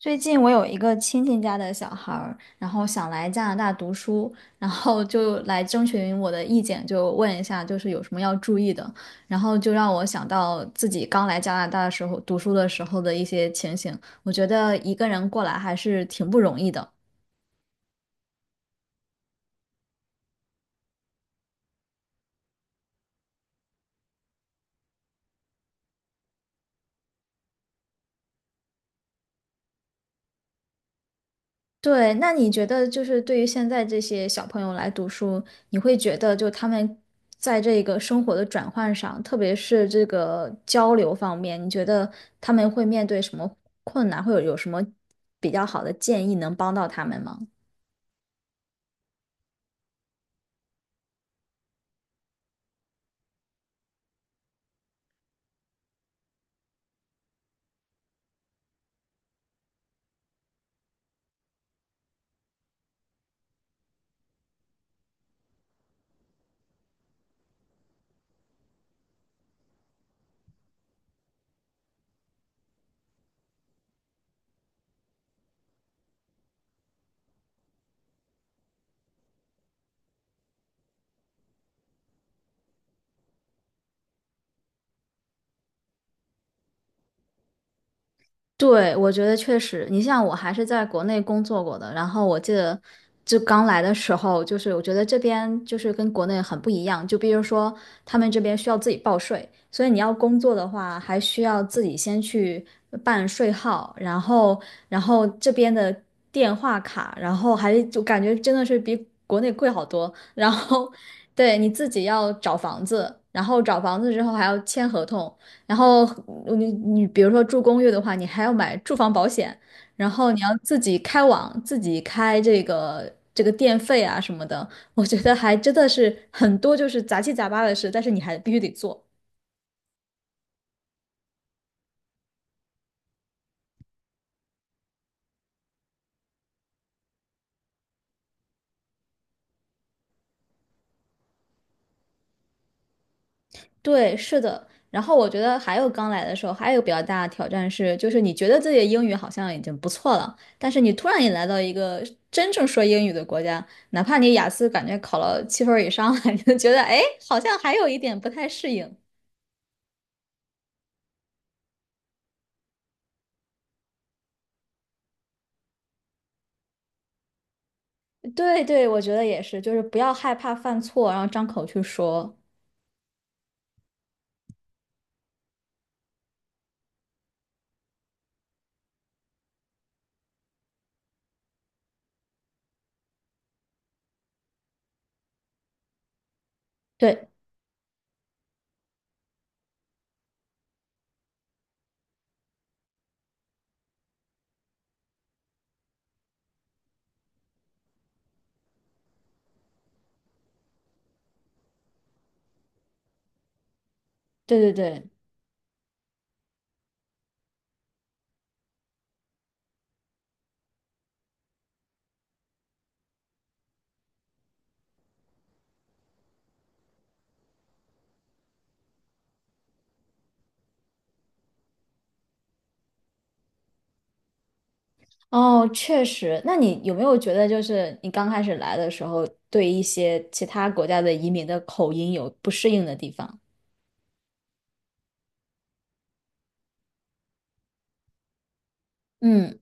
最近我有一个亲戚家的小孩儿，然后想来加拿大读书，然后就来征询我的意见，就问一下就是有什么要注意的，然后就让我想到自己刚来加拿大的时候读书的时候的一些情形，我觉得一个人过来还是挺不容易的。对，那你觉得就是对于现在这些小朋友来读书，你会觉得就他们在这个生活的转换上，特别是这个交流方面，你觉得他们会面对什么困难，或者有什么比较好的建议能帮到他们吗？对，我觉得确实，你像我还是在国内工作过的，然后我记得就刚来的时候，就是我觉得这边就是跟国内很不一样，就比如说他们这边需要自己报税，所以你要工作的话，还需要自己先去办税号，然后这边的电话卡，然后还就感觉真的是比国内贵好多，然后对你自己要找房子，然后找房子之后还要签合同。然后你比如说住公寓的话，你还要买住房保险，然后你要自己开网，自己开这个电费啊什么的，我觉得还真的是很多就是杂七杂八的事，但是你还必须得做。对，是的。然后我觉得还有刚来的时候，还有比较大的挑战是，就是你觉得自己的英语好像已经不错了，但是你突然也来到一个真正说英语的国家，哪怕你雅思感觉考了7分儿以上了，你就觉得哎，好像还有一点不太适应。对对，我觉得也是，就是不要害怕犯错，然后张口去说。对对对对，哦，确实。那你有没有觉得，就是你刚开始来的时候，对一些其他国家的移民的口音有不适应的地方？嗯。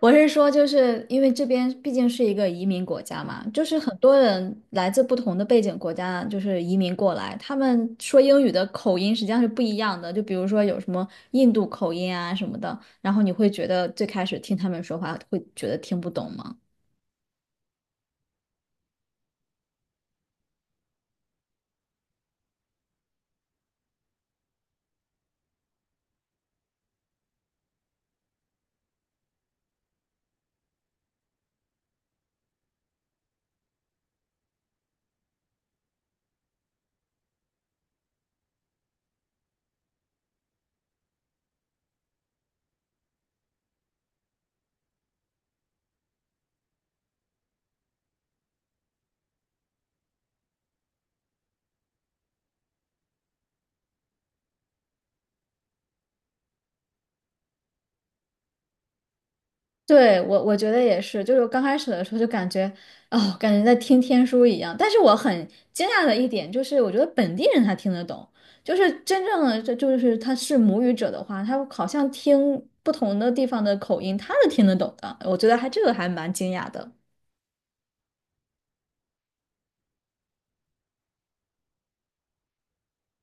我是说，就是因为这边毕竟是一个移民国家嘛，就是很多人来自不同的背景国家，就是移民过来，他们说英语的口音实际上是不一样的。就比如说有什么印度口音啊什么的，然后你会觉得最开始听他们说话会觉得听不懂吗？对，我觉得也是，就是刚开始的时候就感觉，哦，感觉在听天书一样。但是我很惊讶的一点就是，我觉得本地人他听得懂，就是真正的这就是他是母语者的话，他好像听不同的地方的口音，他是听得懂的。我觉得还这个还蛮惊讶的。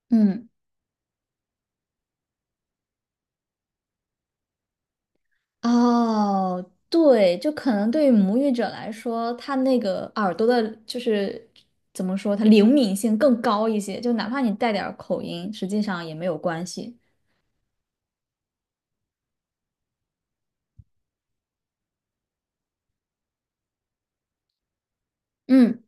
嗯，哦，对，就可能对于母语者来说，他那个耳朵的，就是怎么说，他灵敏性更高一些，就哪怕你带点儿口音，实际上也没有关系。嗯。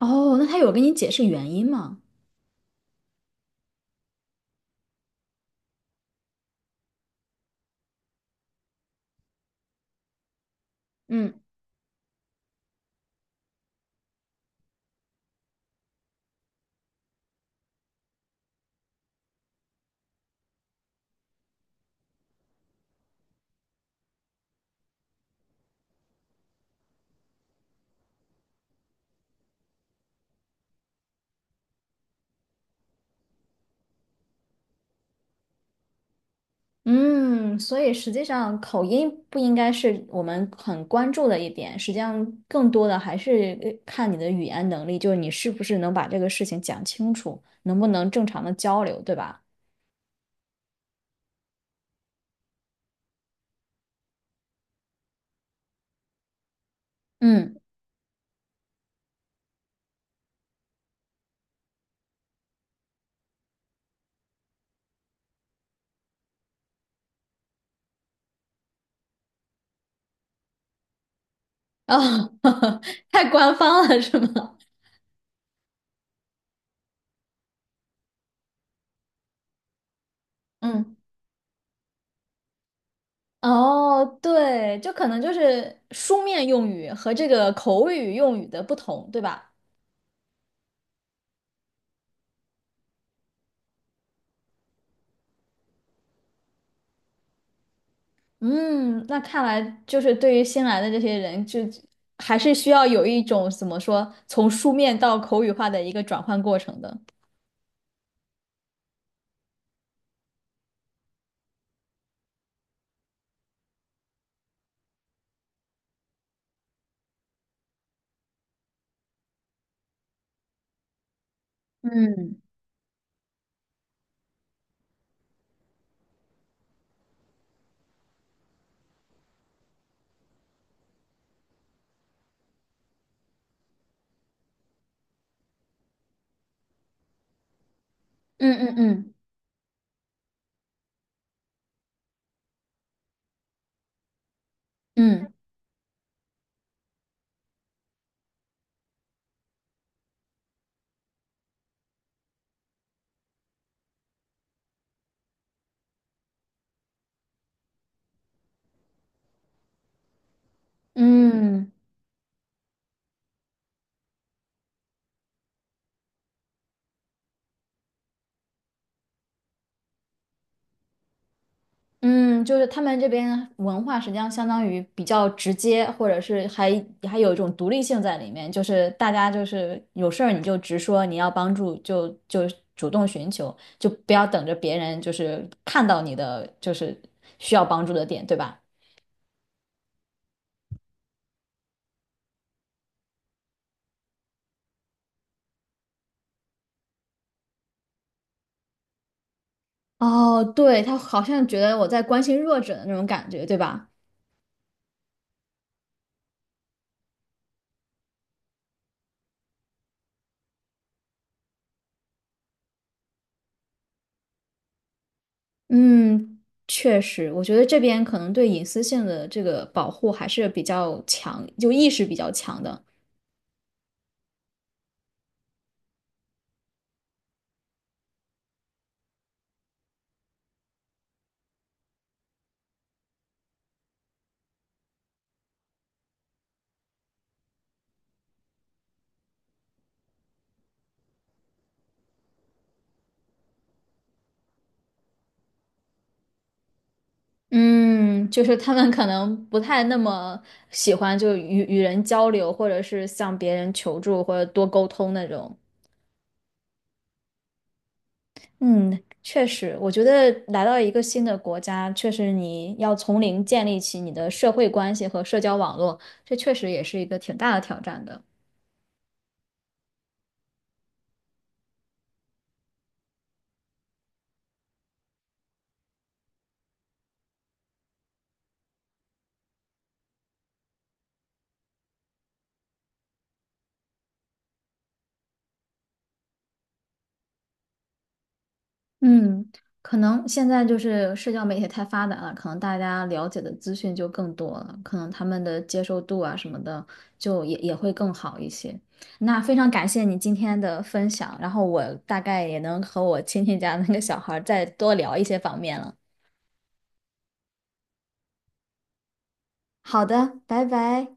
哦，那他有跟你解释原因吗？嗯嗯，所以实际上口音不应该是我们很关注的一点，实际上更多的还是看你的语言能力，就是你是不是能把这个事情讲清楚，能不能正常的交流，对吧？嗯，哦，太官方了是吗？嗯，哦，对，就可能就是书面用语和这个口语用语的不同，对吧？嗯，那看来就是对于新来的这些人，就还是需要有一种怎么说，从书面到口语化的一个转换过程的。嗯嗯嗯嗯嗯嗯，嗯，就是他们这边文化实际上相当于比较直接，或者是还有一种独立性在里面，就是大家就是有事儿你就直说，你要帮助就主动寻求，就不要等着别人就是看到你的就是需要帮助的点，对吧？哦，对，他好像觉得我在关心弱者的那种感觉，对吧？嗯，确实，我觉得这边可能对隐私性的这个保护还是比较强，就意识比较强的。嗯，就是他们可能不太那么喜欢就与人交流，或者是向别人求助，或者多沟通那种。嗯，确实，我觉得来到一个新的国家，确实你要从零建立起你的社会关系和社交网络，这确实也是一个挺大的挑战的。嗯，可能现在就是社交媒体太发达了，可能大家了解的资讯就更多了，可能他们的接受度啊什么的，就也会更好一些。那非常感谢你今天的分享，然后我大概也能和我亲戚家那个小孩儿再多聊一些方面了。好的，拜拜。